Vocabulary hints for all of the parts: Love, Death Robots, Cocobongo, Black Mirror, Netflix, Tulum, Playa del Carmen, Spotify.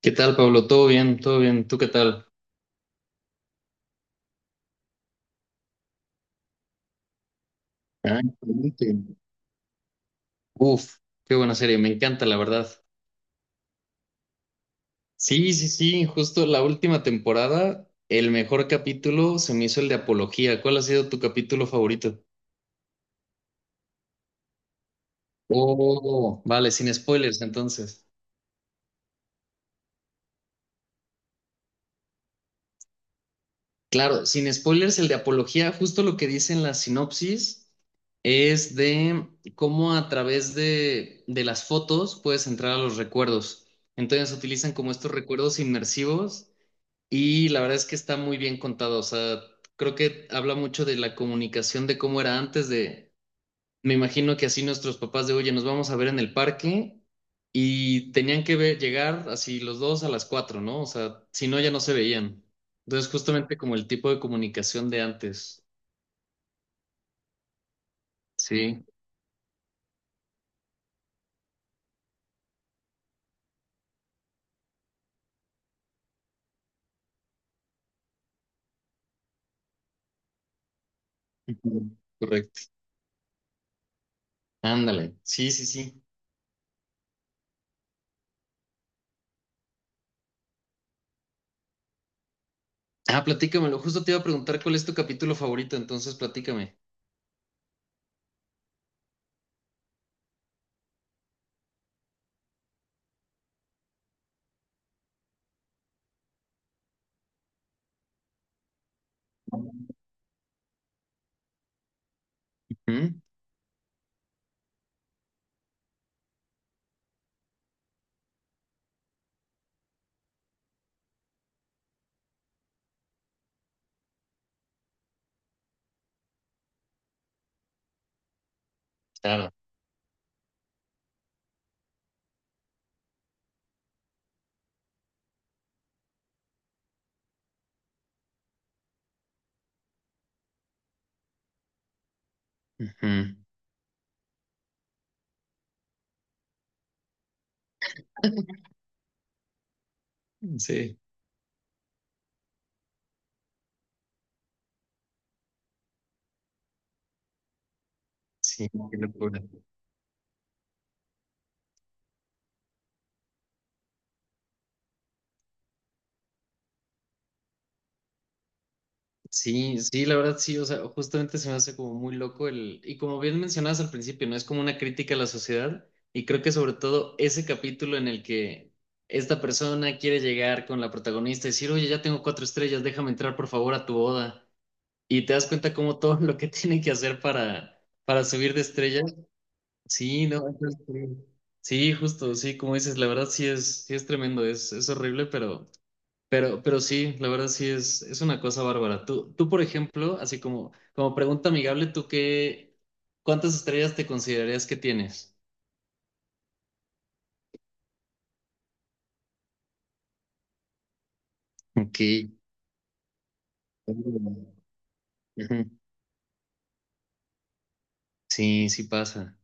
¿Qué tal, Pablo? ¿Todo bien? ¿Todo bien? ¿Tú qué tal? Ah, excelente. Uf, qué buena serie, me encanta, la verdad. Sí, sí, sí, justo la última temporada, el mejor capítulo se me hizo el de Apología. ¿Cuál ha sido tu capítulo favorito? Oh, vale, sin spoilers entonces. Claro, sin spoilers, el de Apología, justo lo que dice en la sinopsis es de cómo a través de las fotos puedes entrar a los recuerdos. Entonces utilizan como estos recuerdos inmersivos. Y la verdad es que está muy bien contado, o sea, creo que habla mucho de la comunicación, de cómo era antes de, me imagino que así nuestros papás de, oye, nos vamos a ver en el parque y tenían que ver, llegar así los dos a las 4, ¿no? O sea, si no, ya no se veían. Entonces, justamente como el tipo de comunicación de antes. Sí, ujú, correcto. Ándale, sí, sí, sí. Ah, platícamelo, justo te iba a preguntar cuál es tu capítulo favorito, entonces platícame. ¿Mm? Claro. Ujú. Sí, sí, qué locura. Sí, sí, la verdad sí, o sea, justamente se me hace como muy loco el, y como bien mencionabas al principio, ¿no? Es como una crítica a la sociedad y creo que sobre todo ese capítulo en el que esta persona quiere llegar con la protagonista y decir, oye, ya tengo cuatro estrellas, déjame entrar por favor a tu boda y te das cuenta como todo lo que tiene que hacer para subir de estrella. Sí, no, entonces, sí. Sí, justo, sí, como dices, la verdad sí es tremendo, es horrible, pero... Pero sí, la verdad sí es una cosa bárbara. Tú, por ejemplo, así como pregunta amigable, ¿tú qué, cuántas estrellas te considerarías que tienes? Ok. Mm. Ujú. Sí, sí pasa.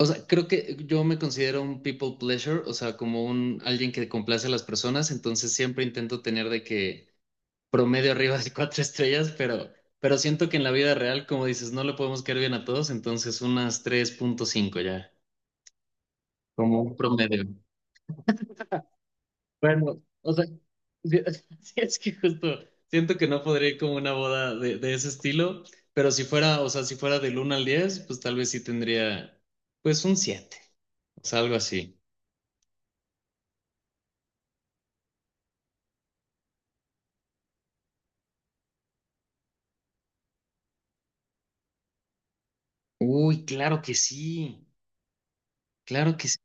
O sea, creo que yo me considero un people pleasure, o sea, como un alguien que complace a las personas, entonces siempre intento tener de que promedio arriba de cuatro estrellas, pero siento que en la vida real, como dices, no le podemos caer bien a todos, entonces unas 3,5 ya, como un promedio. Bueno, o sea, sí, sí, es que justo siento que no podría ir como a una boda de ese estilo, pero si fuera, o sea, si fuera del 1 al 10, pues tal vez sí tendría, pues un siete o sea, algo así. Uy, claro que sí, claro que sí.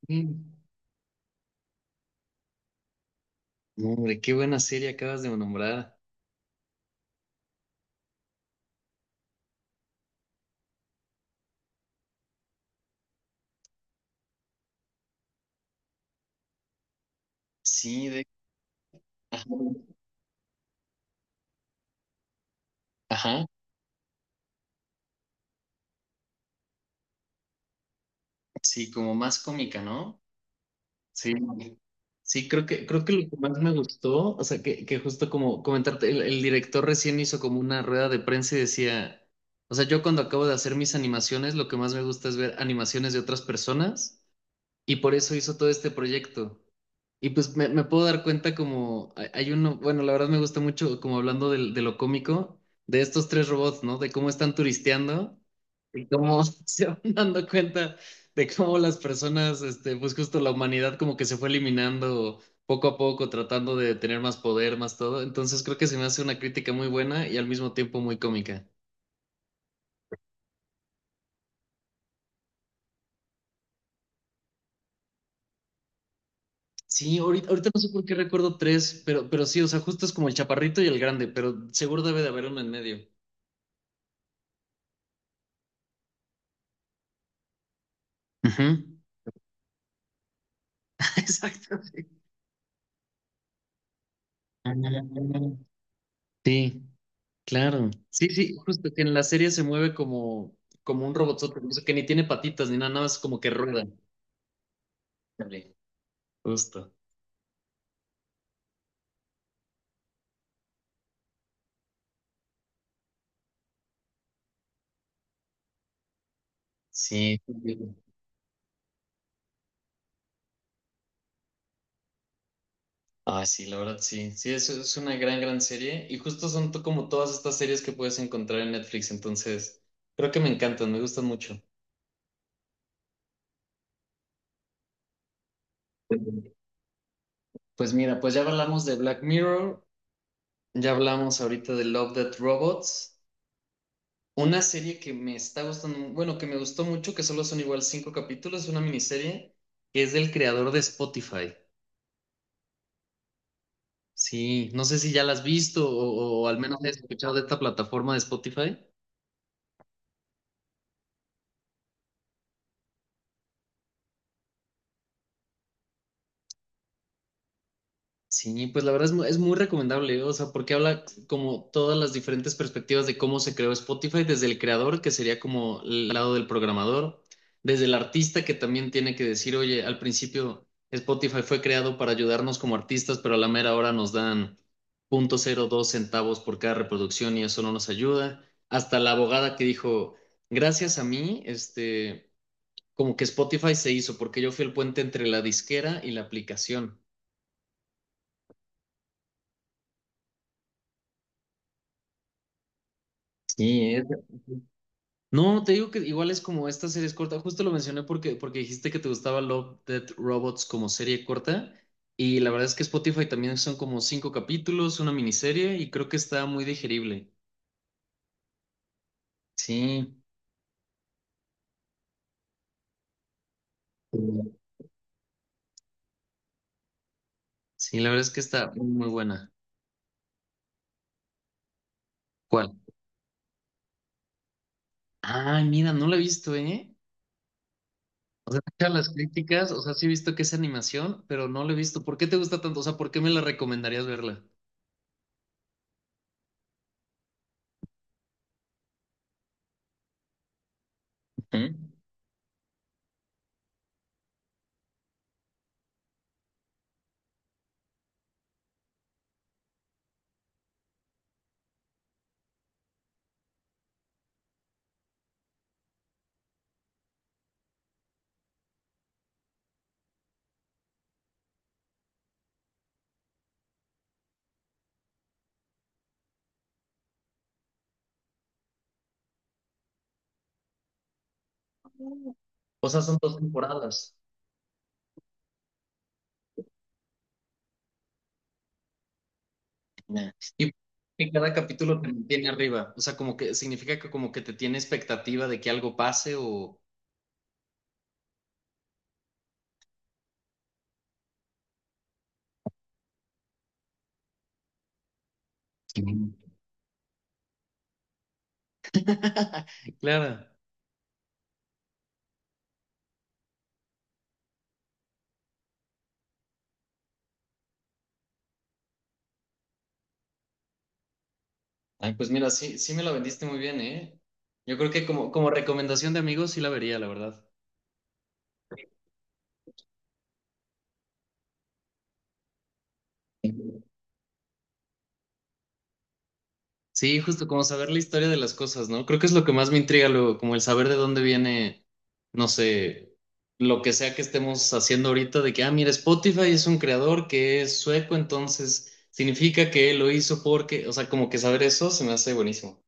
No, hombre, qué buena serie acabas de nombrar. Sí, de... Ajá, ajá, sí, como más cómica, ¿no? Sí, sí, creo que lo que más me gustó, o sea, que justo como comentarte, el director recién hizo como una rueda de prensa y decía, o sea, yo cuando acabo de hacer mis animaciones, lo que más me gusta es ver animaciones de otras personas y por eso hizo todo este proyecto. Y pues me puedo dar cuenta como hay uno, bueno, la verdad me gusta mucho como hablando de, lo cómico, de estos tres robots, ¿no? De cómo están turisteando y cómo se van dando cuenta de cómo las personas, este, pues justo la humanidad como que se fue eliminando poco a poco, tratando de tener más poder, más todo. Entonces creo que se me hace una crítica muy buena y al mismo tiempo muy cómica. Sí, ahorita no sé por qué recuerdo tres, pero sí, o sea, justo es como el chaparrito y el grande, pero seguro debe de haber uno en medio. Ujú. Exacto. Ah, sí, claro. Sí, sí, justo que en la serie se mueve como un robotzote, incluso que ni tiene patitas ni nada, nada más como que rueda. Ándale, justo. Sí. Ah, sí, la verdad, sí. Sí, es una gran, gran serie. Y justo como todas estas series que puedes encontrar en Netflix. Entonces, creo que me encantan, me gustan mucho. Pues mira, pues ya hablamos de Black Mirror, ya hablamos ahorita de Love, Death Robots. Una serie que me está gustando, bueno, que me gustó mucho, que solo son igual cinco capítulos, una miniserie, que es del creador de Spotify. Sí, no sé si ya la has visto o al menos has escuchado de esta plataforma de Spotify. Sí, pues la verdad es muy, recomendable, ¿eh? O sea, porque habla como todas las diferentes perspectivas de cómo se creó Spotify, desde el creador, que sería como el lado del programador, desde el artista, que también tiene que decir, oye, al principio Spotify fue creado para ayudarnos como artistas, pero a la mera hora nos dan 0,02 centavos por cada reproducción y eso no nos ayuda, hasta la abogada que dijo, gracias a mí, este, como que Spotify se hizo, porque yo fui el puente entre la disquera y la aplicación. Sí. No, te digo que igual es como esta serie es corta. Justo lo mencioné porque dijiste que te gustaba Love, Death, Robots como serie corta. Y la verdad es que Spotify también son como cinco capítulos, una miniserie, y creo que está muy digerible. Sí, sí, la verdad es que está muy buena. ¿Cuál? Ah, mira, no la he visto, ¿eh? O sea, escuchar las críticas, o sea, sí he visto que es animación, pero no la he visto. ¿Por qué te gusta tanto? O sea, ¿por qué me la recomendarías verla? Ujú. O sea, son dos temporadas. Nah. Y que cada capítulo te mantiene arriba, o sea, como que significa que como que te tiene expectativa de que algo pase o... Sí. Claro. Ay, pues mira, sí, sí me la vendiste muy bien, ¿eh? Yo creo que como recomendación de amigos sí la vería, la verdad. Sí, justo como saber la historia de las cosas, ¿no? Creo que es lo que más me intriga luego, como el saber de dónde viene, no sé, lo que sea que estemos haciendo ahorita, de que, ah, mira, Spotify es un creador que es sueco, entonces significa que lo hizo porque, o sea, como que saber eso se me hace buenísimo.